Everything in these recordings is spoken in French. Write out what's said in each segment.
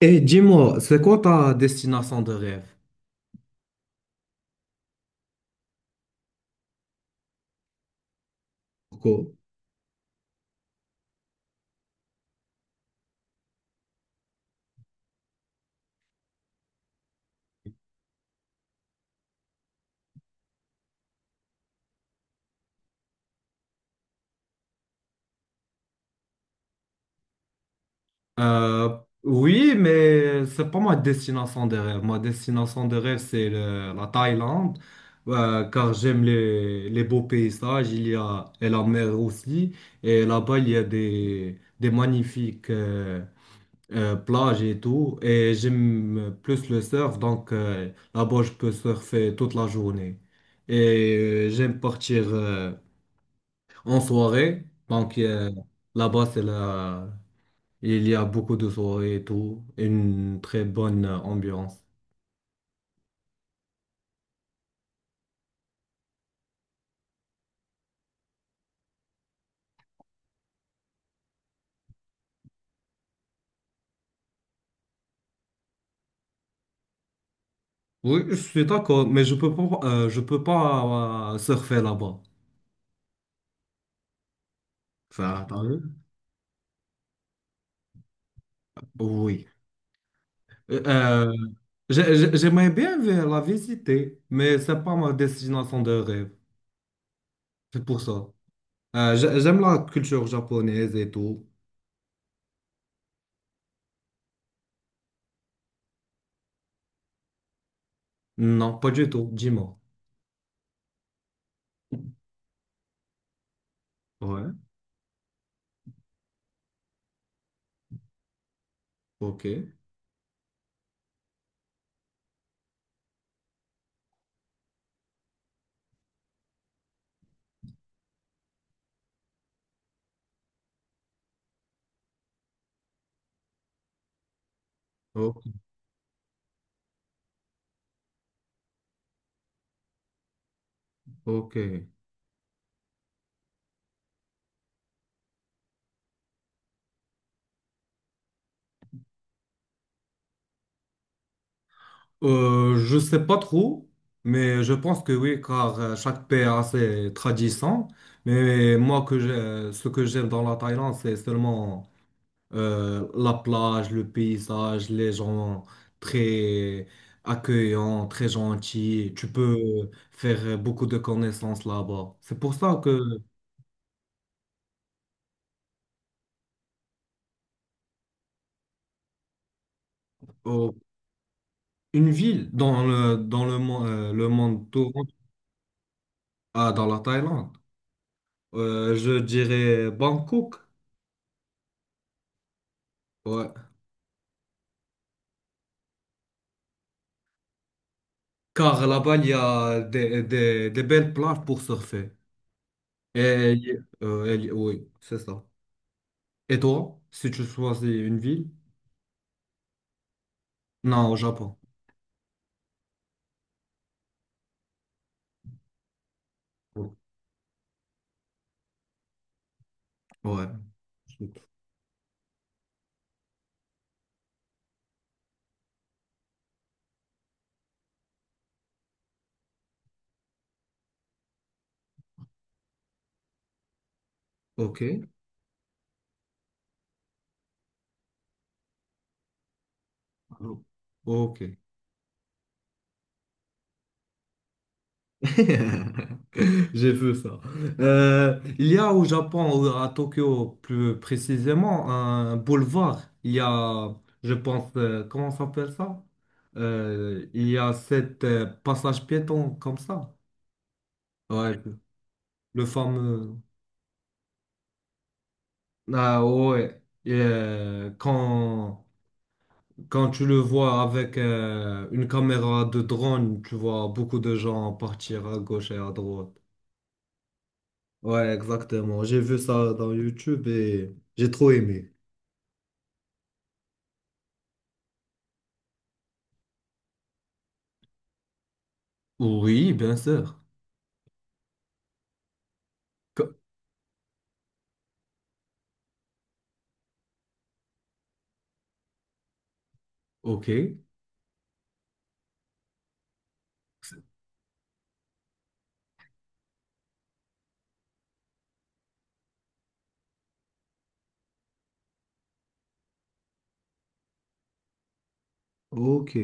Et dis-moi, c'est quoi ta destination de rêve? Coco. Euh, oui, mais c'est pas ma destination de rêve. Ma destination de rêve, c'est la Thaïlande, car j'aime les beaux paysages. Il y a et la mer aussi. Et là-bas, il y a des magnifiques plages et tout. Et j'aime plus le surf, donc là-bas, je peux surfer toute la journée. Et j'aime partir en soirée. Donc là-bas, c'est là, il y a beaucoup de soirées et tout, une très bonne ambiance. Oui, je suis d'accord, mais je peux pas surfer là-bas. Ça, t'as vu? Oui. Euh, euh, j'aimerais bien la visiter, mais c'est pas ma destination de rêve. C'est pour ça. J'aime la culture japonaise et tout. Non, pas du tout. Dis-moi. Ouais. Ok. O- ok. Je sais pas trop, mais je pense que oui, car chaque pays a ses traditions. Mais moi, ce que j'aime dans la Thaïlande, c'est seulement la plage, le paysage, les gens très accueillants, très gentils. Tu peux faire beaucoup de connaissances là-bas. C'est pour ça que euh, une ville dans dans le, le monde tout, ah, dans la Thaïlande, je dirais Bangkok. Ouais. Car là-bas, il y a des belles plages pour surfer. Et, il oui, c'est ça. Et toi, si tu choisis une ville? Non, au Japon. Ouais. Ok. Ok. J'ai vu ça. Il y a au Japon, à Tokyo plus précisément, un boulevard. Il y a, je pense, comment ça s'appelle ça? Il y a cet passage piéton comme ça. Ouais, le fameux. Ah ouais. Et, quand tu le vois avec une caméra de drone, tu vois beaucoup de gens partir à gauche et à droite. Ouais, exactement. J'ai vu ça dans YouTube et j'ai trop aimé. Oui, bien sûr. Co- Ok. Ok.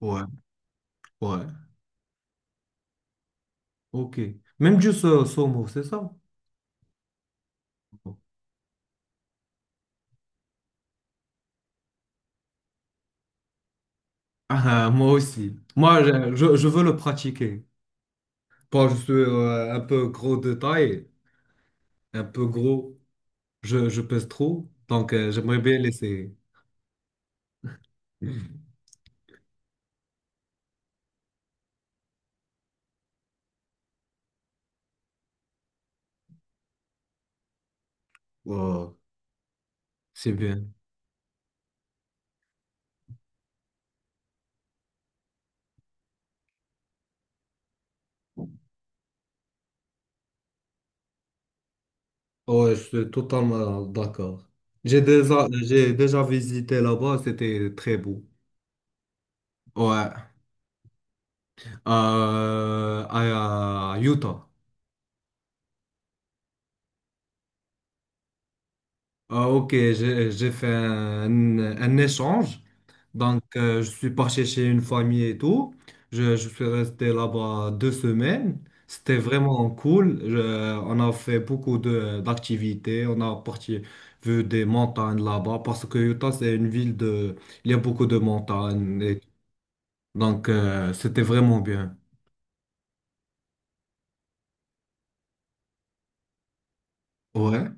Ouais, ouais. Ok. Même du sumo, c'est ça? Ah, moi aussi. Moi, je veux le pratiquer. Quand je suis un peu gros de taille, un peu gros. Je pèse trop, donc j'aimerais bien laisser. Ouais. C'est bien. Ouais, je suis totalement d'accord. J'ai déjà visité là-bas, c'était très beau. Ouais. À Utah. Ah, ok, j'ai fait un échange. Donc, je suis parti chez une famille et tout. Je suis resté là-bas deux semaines. C'était vraiment cool. Je- on a fait beaucoup de d'activités. On a parti vu des montagnes là-bas parce que Utah, c'est une ville de... Il y a beaucoup de montagnes. Et- donc, c'était vraiment bien. Ouais.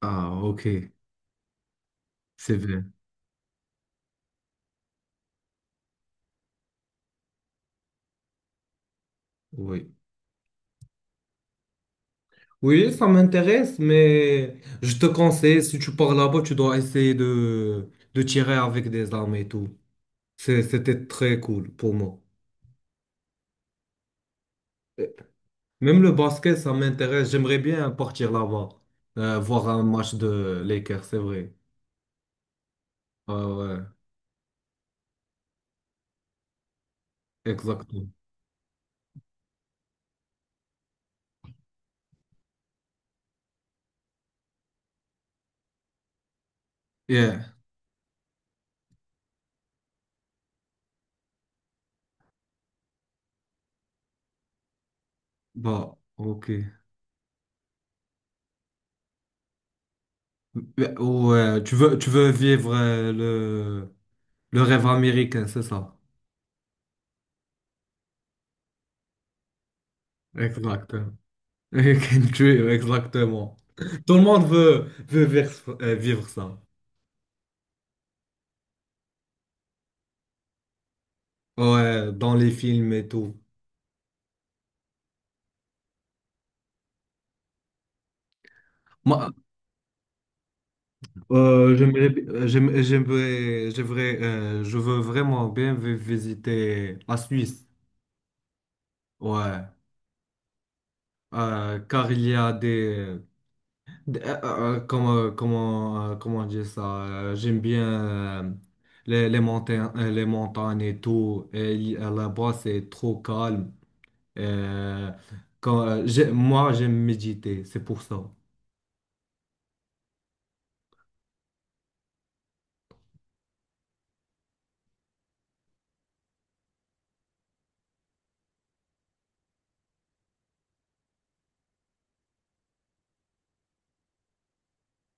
Ah, ok. C'est bien. Oui. Oui, ça m'intéresse, mais je te conseille, si tu pars là-bas, tu dois essayer de tirer avec des armes et tout. C'est- c'était très cool pour moi. Même le basket, ça m'intéresse. J'aimerais bien partir là-bas, voir un match de Lakers, c'est vrai. Ah ouais, exactement. Yeah, bah, ok. Ouais, ouais, tu veux vivre le rêve américain, c'est ça? Exact. Can Tuer, exactement. Tout le monde veut vivre ça. Ouais, dans les films et tout. Moi, je veux vraiment bien visiter la Suisse. Ouais. Car il y a comment dire ça? J'aime bien euh, les montagnes, les montagnes et tout. Et il- là-bas, c'est trop calme. Euh, moi, j'aime méditer, c'est pour ça.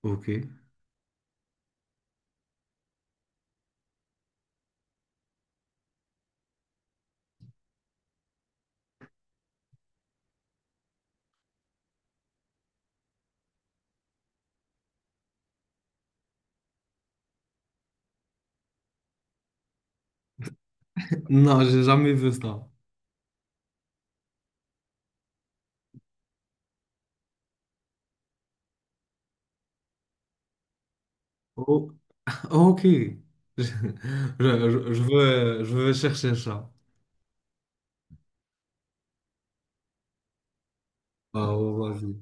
Ok. Non, j'ai jamais vu ça. Oh, oh, ok. Je, je veux chercher ça. Ah, oh, vas-y.